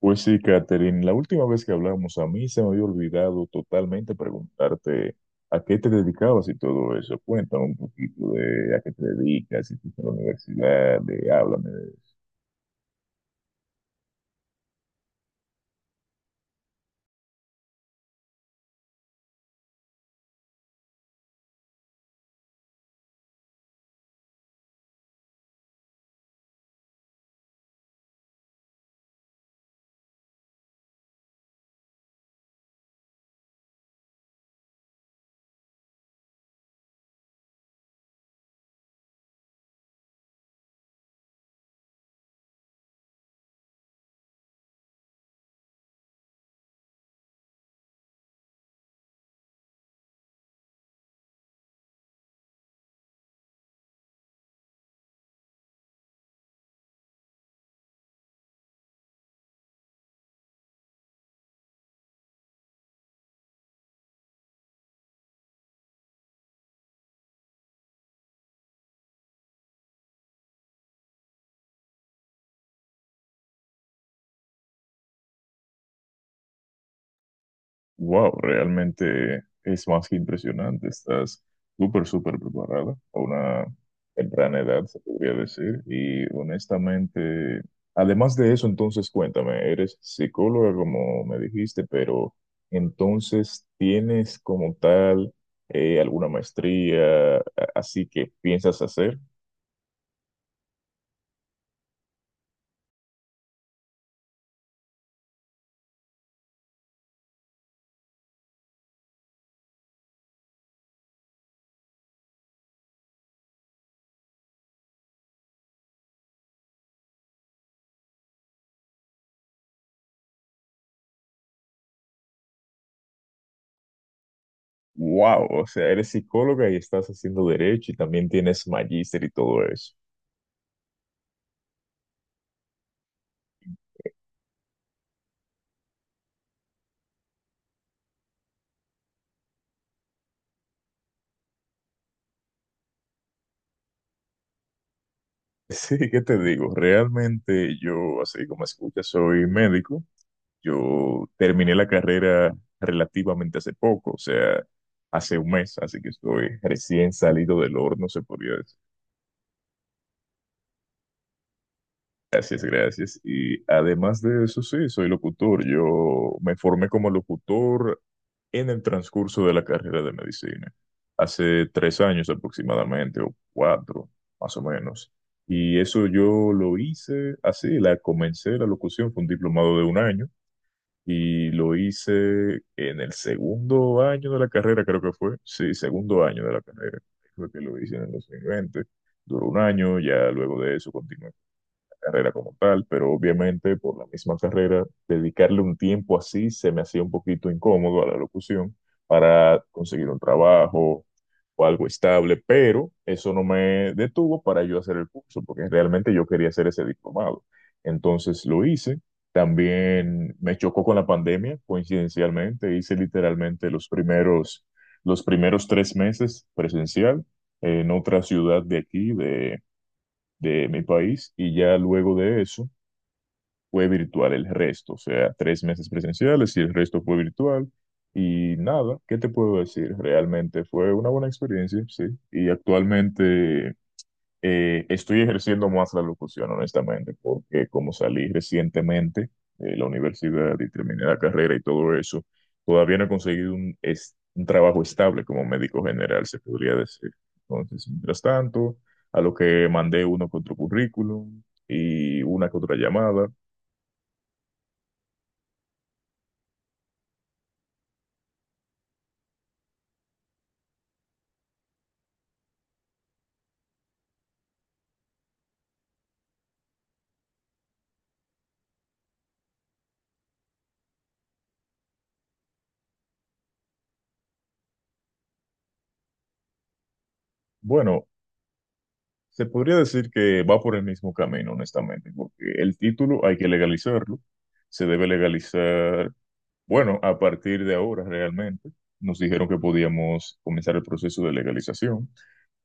Pues sí, Catherine, la última vez que hablamos a mí se me había olvidado totalmente preguntarte a qué te dedicabas y todo eso. Cuéntame un poquito de a qué te dedicas, si estás en la universidad, háblame. Wow, realmente es más que impresionante. Estás súper, súper preparada a una temprana edad, se podría decir. Y honestamente, además de eso, entonces cuéntame, eres psicóloga, como me dijiste, pero entonces tienes como tal alguna maestría, así que piensas hacer. Wow, o sea, eres psicóloga y estás haciendo derecho y también tienes magíster y todo eso. Sí, ¿qué te digo? Realmente yo, así como escuchas, soy médico. Yo terminé la carrera relativamente hace poco, o sea, hace un mes, así que estoy recién salido del horno, se podría decir. Gracias, gracias. Y además de eso, sí, soy locutor. Yo me formé como locutor en el transcurso de la carrera de medicina, hace 3 años aproximadamente, o cuatro, más o menos. Y eso yo lo hice así, la comencé la locución, fue un diplomado de un año, y lo hice en el segundo año de la carrera, creo que fue. Sí, segundo año de la carrera, fue que lo hice en el 2020. Duró un año, ya luego de eso continué carrera como tal, pero obviamente por la misma carrera, dedicarle un tiempo así se me hacía un poquito incómodo a la locución para conseguir un trabajo o algo estable, pero eso no me detuvo para yo hacer el curso, porque realmente yo quería hacer ese diplomado. Entonces lo hice. También me chocó con la pandemia, coincidencialmente, hice literalmente los primeros 3 meses presencial en otra ciudad de aquí, de mi país, y ya luego de eso fue virtual el resto, o sea, tres meses presenciales y el resto fue virtual. Y nada, ¿qué te puedo decir? Realmente fue una buena experiencia, sí. Y actualmente estoy ejerciendo más la locución, honestamente, porque como salí recientemente de la universidad y terminé la carrera y todo eso, todavía no he conseguido un trabajo estable como médico general, se podría decir. Entonces, mientras tanto, a lo que mandé uno con otro currículum y una con otra llamada, bueno, se podría decir que va por el mismo camino, honestamente, porque el título hay que legalizarlo, se debe legalizar Bueno, a partir de ahora realmente nos dijeron que podíamos comenzar el proceso de legalización.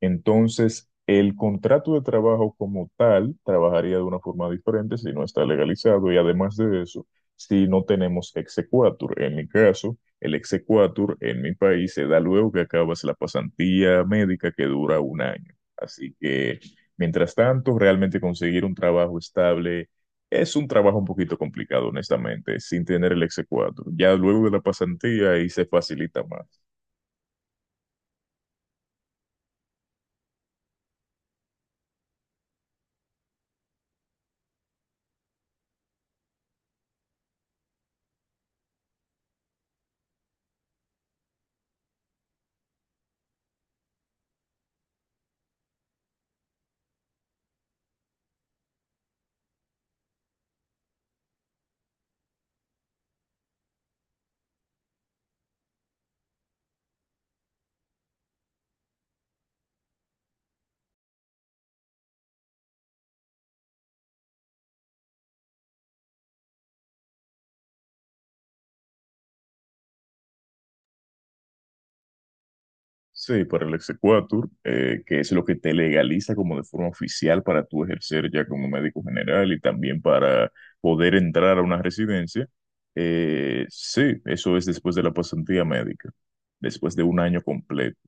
Entonces, el contrato de trabajo como tal trabajaría de una forma diferente si no está legalizado, y además de eso, si no tenemos exequatur. En mi caso, el exequatur en mi país se da luego que acabas la pasantía médica, que dura un año. Así que, mientras tanto, realmente conseguir un trabajo estable es un trabajo un poquito complicado, honestamente, sin tener el exequatur. Ya luego de la pasantía ahí se facilita más. Sí, para el exequatur, que es lo que te legaliza como de forma oficial para tú ejercer ya como médico general y también para poder entrar a una residencia. Sí, eso es después de la pasantía médica, después de un año completo.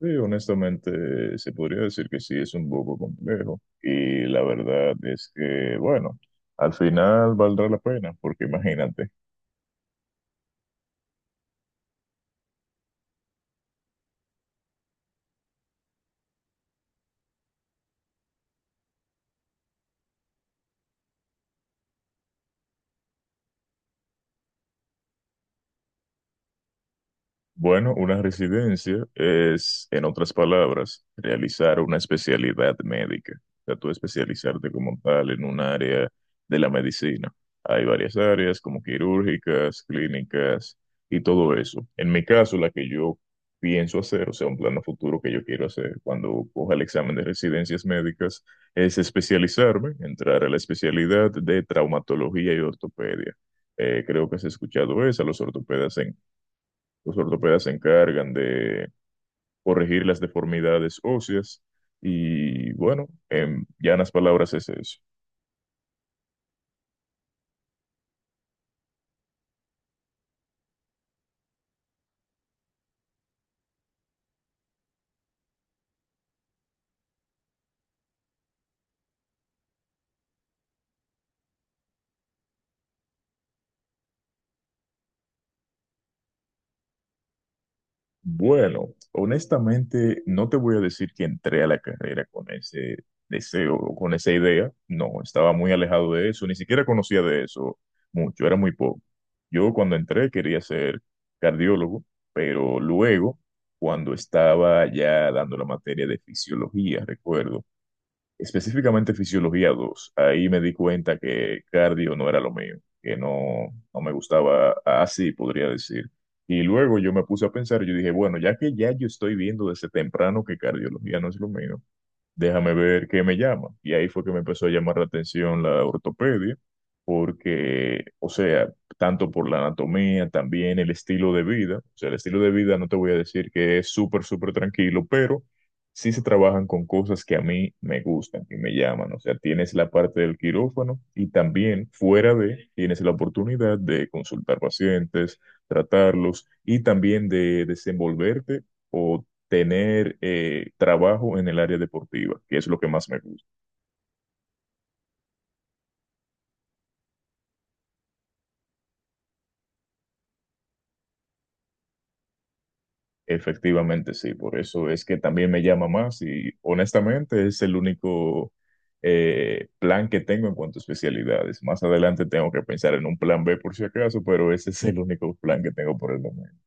Sí, honestamente se podría decir que sí es un poco complejo, y la verdad es que, bueno, al final valdrá la pena, porque imagínate. Bueno, una residencia es, en otras palabras, realizar una especialidad médica. O sea, tú especializarte como tal en un área de la medicina. Hay varias áreas como quirúrgicas, clínicas y todo eso. En mi caso, la que yo pienso hacer, o sea, un plano futuro que yo quiero hacer cuando coja el examen de residencias médicas, es especializarme, entrar a la especialidad de traumatología y ortopedia. Creo que has escuchado esa, los ortopedas se encargan de corregir las deformidades óseas, y bueno, en llanas palabras es eso. Bueno, honestamente no te voy a decir que entré a la carrera con ese deseo, o con esa idea. No, estaba muy alejado de eso, ni siquiera conocía de eso mucho, era muy poco. Yo cuando entré quería ser cardiólogo, pero luego, cuando estaba ya dando la materia de fisiología, recuerdo, específicamente Fisiología 2 Ahí Me di cuenta que cardio no era lo mío, que no, no me gustaba así, podría decir. Y luego yo me puse a pensar, yo dije, bueno, ya que ya yo estoy viendo desde temprano que cardiología no es lo mío, déjame ver qué me llama. Y ahí fue que me empezó a llamar la atención la ortopedia, porque, o sea, tanto por la anatomía, también el estilo de vida, o sea, el estilo de vida no te voy a decir que es súper, súper tranquilo, pero sí se trabajan con cosas que a mí me gustan y me llaman, o sea, tienes la parte del quirófano y también fuera de, tienes la oportunidad de consultar pacientes, tratarlos y también de desenvolverte, o tener trabajo en el área deportiva, que es lo que más me gusta. Efectivamente, sí, por eso es que también me llama más, y honestamente es el único plan que tengo en cuanto a especialidades. Más adelante tengo que pensar en un plan B por si acaso, pero ese es el único plan que tengo por el momento.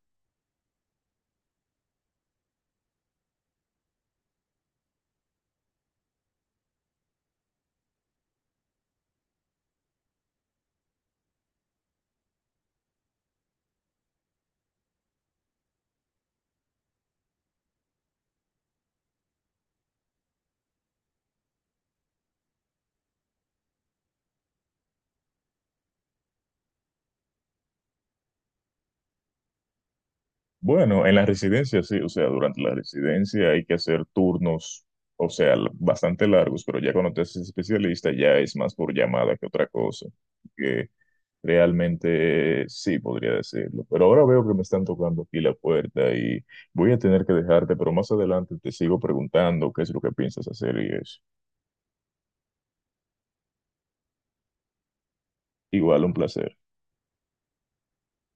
Bueno, en la residencia sí, o sea, durante la residencia hay que hacer turnos, o sea, bastante largos, pero ya cuando te haces especialista ya es más por llamada que otra cosa. Realmente sí, podría decirlo. Pero ahora veo que me están tocando aquí la puerta y voy a tener que dejarte, pero más adelante te sigo preguntando qué es lo que piensas hacer, y es igual un placer.